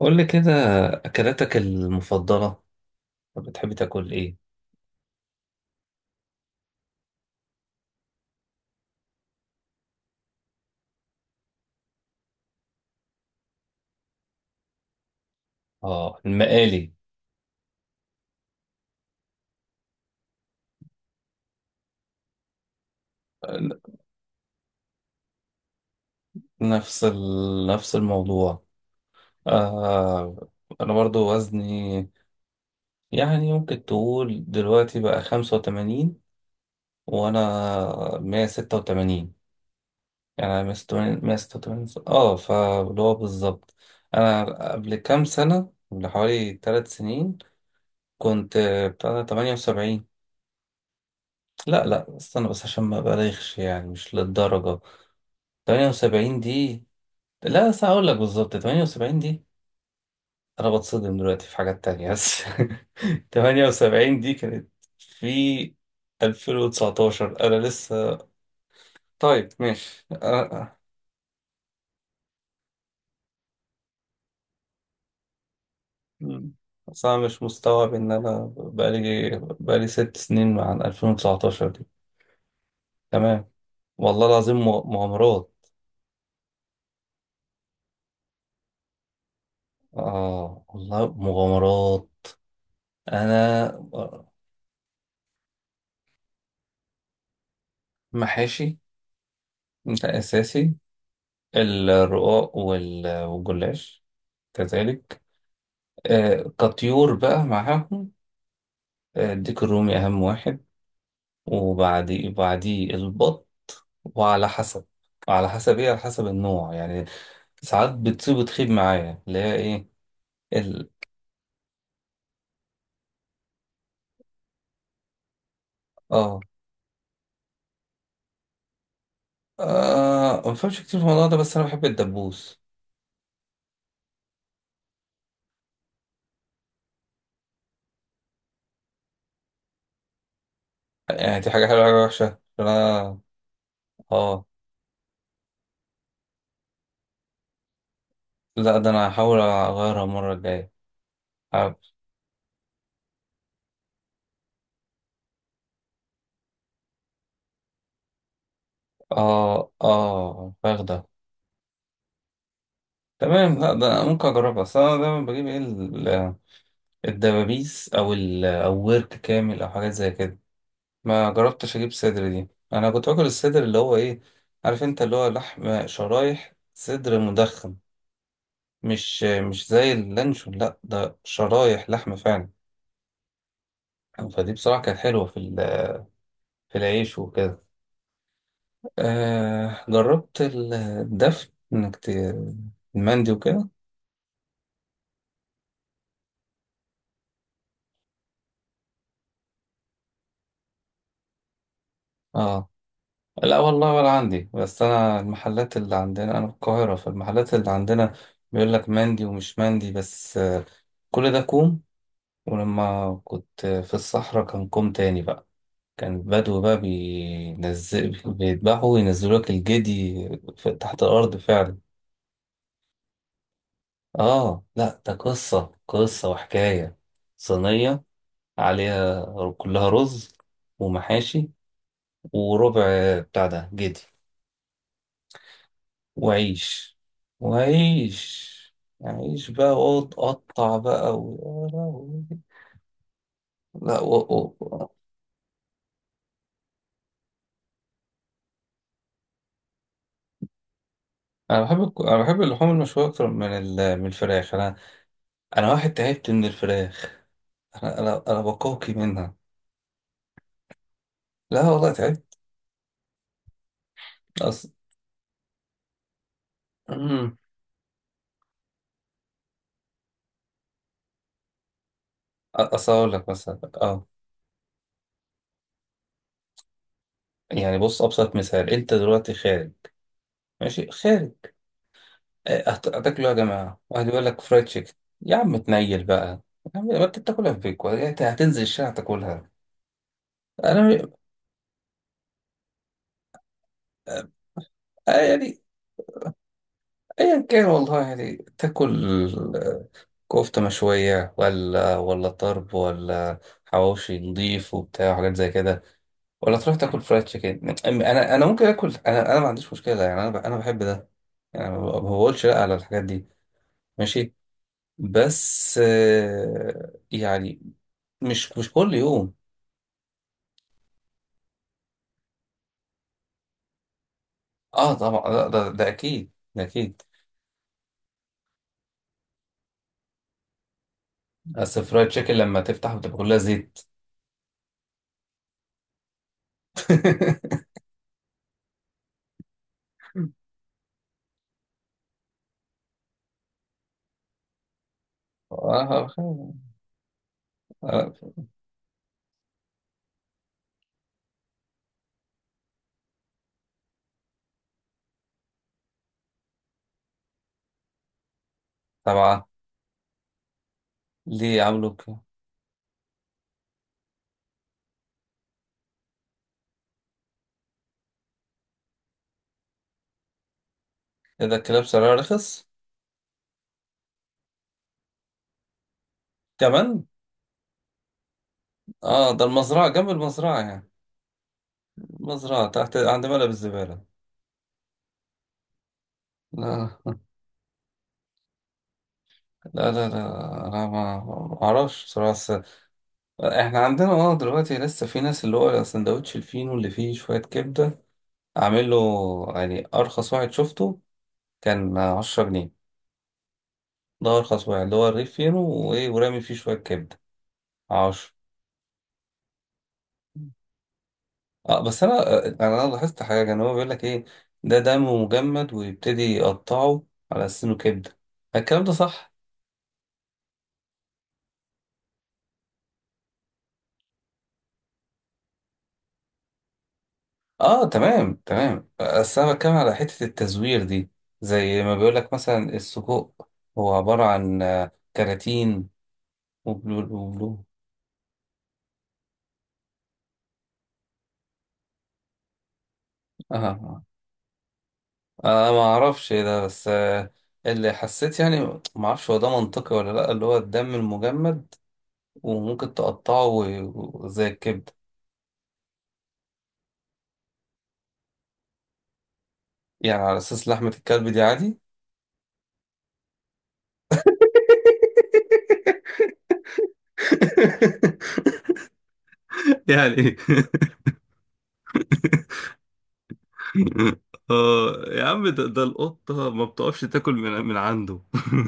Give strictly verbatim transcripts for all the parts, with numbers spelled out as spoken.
قول لي كده، أكلاتك المفضلة، بتحب تاكل إيه؟ آه، المقالي. آه، نفس ال... نفس الموضوع. آه. أنا برضو وزني، يعني ممكن تقول دلوقتي بقى خمسة وتمانين، وأنا مية ستة وتمانين. يعني أنا مية ستة وتمانين، مية ستة وتمانين، آه فاللي هو بالظبط. أنا قبل كام سنة، قبل حوالي تلات سنين كنت بتاع تمانية وسبعين. لا لا، استنى بس عشان ما أبالغش، يعني مش للدرجة. تمانية وسبعين دي، لا بس هقول لك بالظبط، تمانية وسبعين دي انا بتصدم دلوقتي في حاجات تانية بس. تمانية وسبعين دي كانت في ألفين وتسعة عشر. انا لسه طيب ماشي. أنا- أه. مم. بس انا مش مستوعب ان انا بقالي بقالي ست سنين عن ألفين وتسعتاشر دي. تمام. والله العظيم مغ- مغامرات. اه والله مغامرات انا. محاشي ده اساسي. الرقاق وال- والجلاش كذلك. آه كطيور بقى معاهم. آه، الديك الرومي أهم واحد، وبعديه بعديه البط. وعلى حسب وعلى حسب إيه؟ على حسب النوع يعني. ساعات بتصيب وتخيب معايا، اللي هي إيه، ال آه آه ما بفهمش كتير في الموضوع ده، بس أنا بحب الدبوس. يعني دي حاجة حلوة، حاجة وحشة؟ أنا، آه لا ده أنا هحاول أغيرها المرة الجاية. عارف. آه آه الفراخ ده. تمام، لا ده أنا ممكن أجربها، بس أنا دايما بجيب إيه؟ الدبابيس، او ال او ورك كامل، او حاجات زي كده. ما جربتش اجيب صدر دي. انا كنت باكل الصدر اللي هو ايه، عارف انت؟ اللي هو لحم شرايح صدر مدخن، مش مش زي اللانشون، لا ده شرايح لحم فعلا. فدي بصراحة كانت حلوة، في ال- في العيش وكده. آه جربت ال- الدفن انك ت- المندي وكده. اه، لا والله ولا عندي، بس انا المحلات اللي عندنا، انا في القاهرة، فالمحلات اللي عندنا بيقول لك مندي ومش مندي، بس كل ده كوم، ولما كنت في الصحراء كان كوم تاني بقى. كان بدو بقى بينزل، بيذبحوا وينزلوا لك الجدي في- تحت الأرض فعلا. آه، لا ده قصة، قصة وحكاية. صينية عليها كلها رز ومحاشي وربع بتاع ده جدي، وعيش، وعيش. عيش بقى، وقعد قطع بقى و... لا و... انا بحب الك- انا بحب اللحوم المشويه اكتر من ال- من الفراخ انا. انا واحد تعبت من الفراخ، انا انا انا بقوقي منها. لا والله تعبت. اصل اصل اقول لك مثلا، اه يعني بص، ابسط مثال: انت دلوقتي خارج، ماشي، خارج، آه، هت- هتاكلوا يا جماعه، واحد يقول لك فرايد تشيكن. يا عم تنيل بقى. يا عم، ما انت بتاكلها في بيك، ولا إنت هتنزل الشارع تاكلها؟ انا، آه، يعني ايا كان والله، يعني تاكل كفتة مشوية، ولا ولا طرب، ولا حواوشي نضيف وبتاع وحاجات زي كده، ولا تروح تاكل فرايد تشيكن. انا انا ممكن اكل، انا انا ما عنديش مشكلة، يعني انا ب- انا بحب ده. يعني ما ب- ما بقولش لا على الحاجات دي، ماشي. بس آه، يعني، مش مش كل يوم. اه طبعا، ده ده, ده اكيد، ده اكيد. بس فرايد تشيكن لما تفتح بتبقى كلها زيت. آه. آه، طبعا. ليه عملوا كده؟ إيه ده؟ الكلاب سعرها رخص. كمان. اه ده المزرعة، جنب المزرعة يعني. المزرعة تحت عند ملعب الزبالة. لا لا لا لا، انا ما ما اعرفش بصراحة، بس احنا عندنا، اه دلوقتي لسه في ناس، اللي هو سندوتش الفينو اللي فيه شوية كبدة عامل له، يعني ارخص واحد شفته كان عشرة جنيه. ده ارخص واحد، اللي هو الرغيف فينو، وايه، ورامي فيه شوية كبدة. عشرة. اه، بس انا انا لاحظت حاجه، ان هو بيقول لك ايه، ده دم مجمد ويبتدي يقطعه على سنه كبده. الكلام ده صح؟ اه تمام، تمام. بس انا بتكلم على حتة التزوير دي، زي ما بيقول لك مثلا السجق هو عبارة عن آه، كراتين وبلو بلو بلو. اه، انا ما اعرفش إيه ده، بس آه، اللي حسيت يعني ما اعرفش هو ده منطقي ولا لا، اللي هو الدم المجمد وممكن تقطعه و- زي الكبدة. يعني على اساس لحمة الكلب دي عادي؟ يعني ايه؟ اه يا عم، ده, ده القطة ما بتقفش تاكل من من عنده.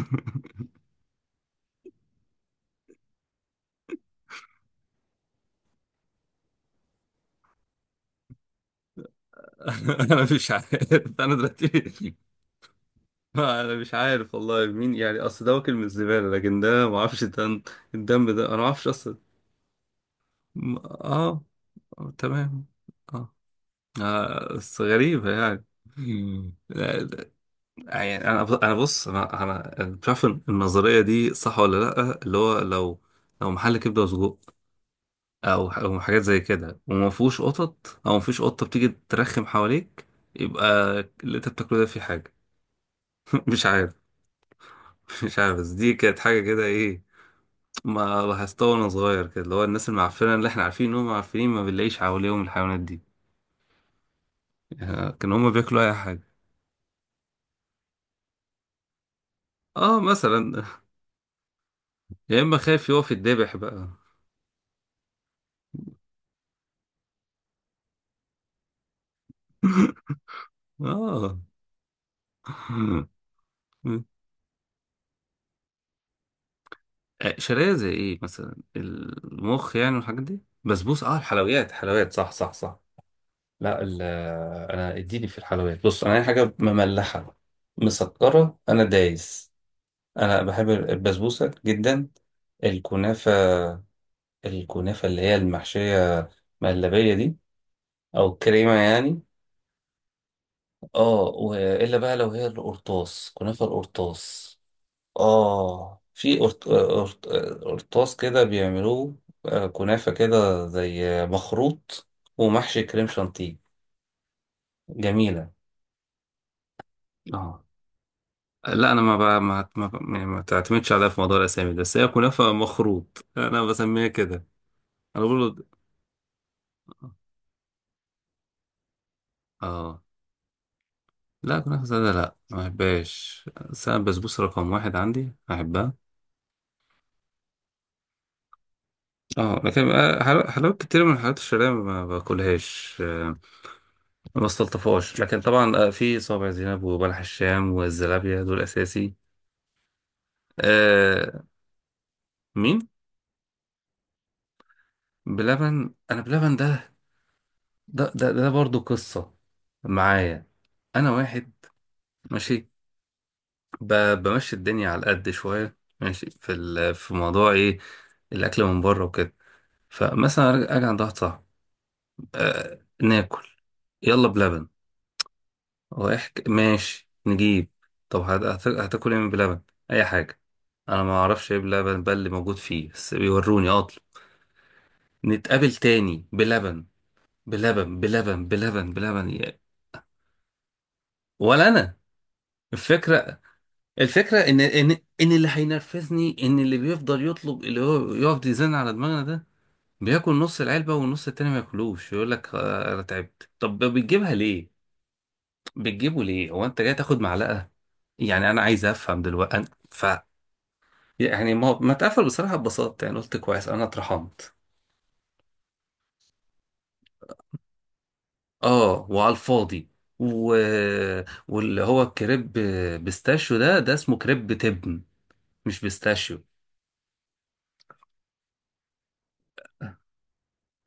انا مش عارف. انا دلوقتي، آه، انا مش عارف والله مين، يعني اصل ده واكل من الزبالة، لكن ده ما اعرفش، الدم، الدم ده انا ما اعرفش اصلا. م- اه آه، تمام. اه. آه، بس غريبة يعني. مم. لا- لا، يعني انا انا بص، انا انا بتعرف النظرية دي صح ولا لا؟ اللي هو لو، لو محل كبدة وسجق، او ح- أو حاجات زي كده، وما فيهوش قطط، او ما فيش قطة بتيجي ترخم حواليك، يبقى اللي انت بتاكله ده فيه حاجة. مش عارف. مش عارف، بس دي كانت حاجة كده ايه، ما لاحظتها وانا صغير كده، اللي هو الناس المعفنة اللي احنا عارفين ان هم معفنين، ما بنلاقيش حواليهم الحيوانات دي، يعني كان هم بياكلوا اي حاجة. اه مثلا. يا اما خايف يقف يتذبح بقى. اه. آه، شرايه زي ايه؟ مثلا المخ يعني والحاجات دي، بسبوس. اه الحلويات، حلويات، صح صح صح. لا ال- انا اديني في الحلويات. بص، انا اي حاجه مملحه، مسكره، انا دايس. انا بحب البسبوسه جدا، الكنافه. الكنافه اللي هي المحشيه مهلبيه دي، او كريمه يعني. اه. والا بقى لو هي القرطاس، كنافه القرطاس، اه في قرط- قرط- قرطاس كده بيعملوه، آه، كنافه كده زي مخروط ومحشي كريم شانتيه. جميله. اه، لا انا ما ب... ما ما, يعني ما تعتمدش عليها في موضوع الاسامي ده، بس هي كنافه مخروط انا بسميها كده. انا بقول، اه. لا، كنافة سادة لا، ما بحبهاش. بس أنا البسبوسة رقم واحد عندي، أحبها. اه لكن آه، حلا- حلويات كتير من الحلويات الشرقية ما باكلهاش، آه، ما بستلطفهاش. لكن طبعا آه، في صابع زينب وبلح الشام والزلابية، دول أساسي. آه. مين؟ بلبن؟ أنا بلبن ده، ده ده, ده برضو قصة معايا. أنا واحد ماشي، ب- بمشي الدنيا على القد شوية، ماشي في ال- في موضوع إيه؟ الأكل من بره وكده. فمثلا أرج- اجي عند واحد صاحبي، أه ناكل، يلا بلبن. رايح ك- ماشي نجيب. طب هت- هت- هتاكل ايه من بلبن؟ اي حاجه. انا ما اعرفش ايه بلبن، بل اللي موجود فيه، بس بيوروني اطلب. نتقابل تاني بلبن بلبن بلبن بلبن بلبن يعني. ولا انا. الفكره، الفكره ان، ان ان اللي هينرفزني، ان اللي بيفضل يطلب اللي هو يقعد يزن على دماغنا ده، بياكل نص العلبه والنص التاني ما ياكلوش، يقول لك آه، انا تعبت. طب بتجيبها ليه؟ بتجيبه ليه؟ هو انت جاي تاخد معلقه؟ يعني انا عايز افهم دلوقتي، أنا- ف يعني ما ما اتقفل بصراحه، ببساطه يعني، قلت كويس، انا اترحمت. اه وعلى الفاضي. و... واللي هو كريب بيستاشيو، ده ده اسمه كريب تبن مش بيستاشيو.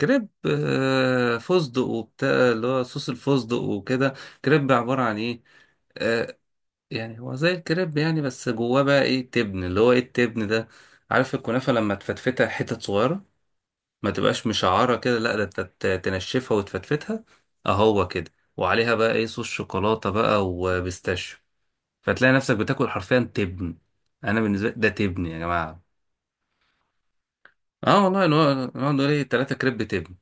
كريب آه، فستق وبتاع، اللي هو صوص الفستق وكده. كريب عبارة عن ايه؟ آه، يعني هو زي الكريب يعني، بس جواه بقى ايه؟ تبن. اللي هو ايه التبن ده؟ عارف الكنافة لما تفتفتها حتت صغيرة، ما تبقاش مشعرة كده، لا ده انت ت- تنشفها وتفتفتها. اهو كده، وعليها بقى ايه؟ صوص شوكولاتة بقى وبيستاشيو. فتلاقي نفسك بتاكل حرفيا تبن. انا بالنسبة لي ده تبن يا جماعة. اه والله، نقعد نقعد نقول ايه؟ تلاتة كريب تبن.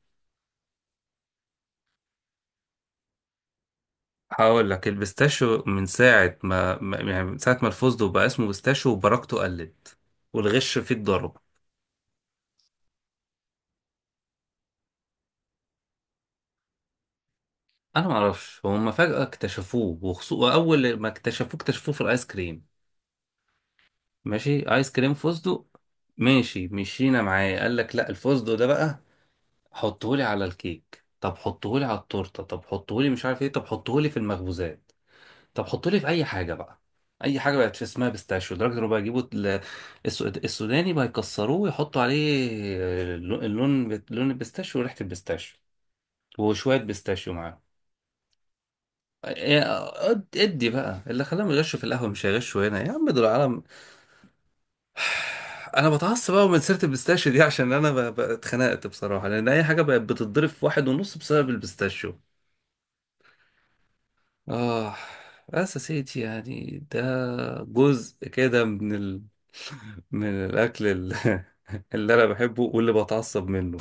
هقول لك البيستاشيو من ساعة ما، ما- يعني من ساعة ما الفستق بقى اسمه بيستاشيو، وبركته قلت، والغش فيه اتضرب. انا معرفش هما فجأة اكتشفوه، وخصو... واول ما اكتشفوه، اكتشفوه في الايس كريم. ماشي، ايس كريم فستق، ماشي، مشينا معاه. قال لك لا، الفستق ده بقى حطهولي على الكيك، طب حطهولي على التورته، طب حطهولي مش عارف ايه، طب حطهولي في المخبوزات، طب حطهولي في اي حاجه بقى. اي حاجه بقت في اسمها بيستاشيو، لدرجه انه بقى يجيبوا ال- السود- السوداني بقى يكسروه ويحطوا عليه اللون، اللون لون البيستاشيو وريحه البيستاشيو وشويه بيستاشيو معاه. إيه، اد- ادي بقى اللي خلاهم يغشوا في القهوه، مش هيغشوا هنا؟ يا عم دول عالم. انا بتعصب بقى من سيره البيستاشيو دي، عشان انا ب- ب- اتخنقت بصراحه، لان اي حاجه بقت بتتضرب في واحد ونص بسبب البيستاشيو. اه، بس يا سيدي، يعني ده جزء كده من ال... من الاكل ال- اللي انا بحبه واللي بتعصب منه.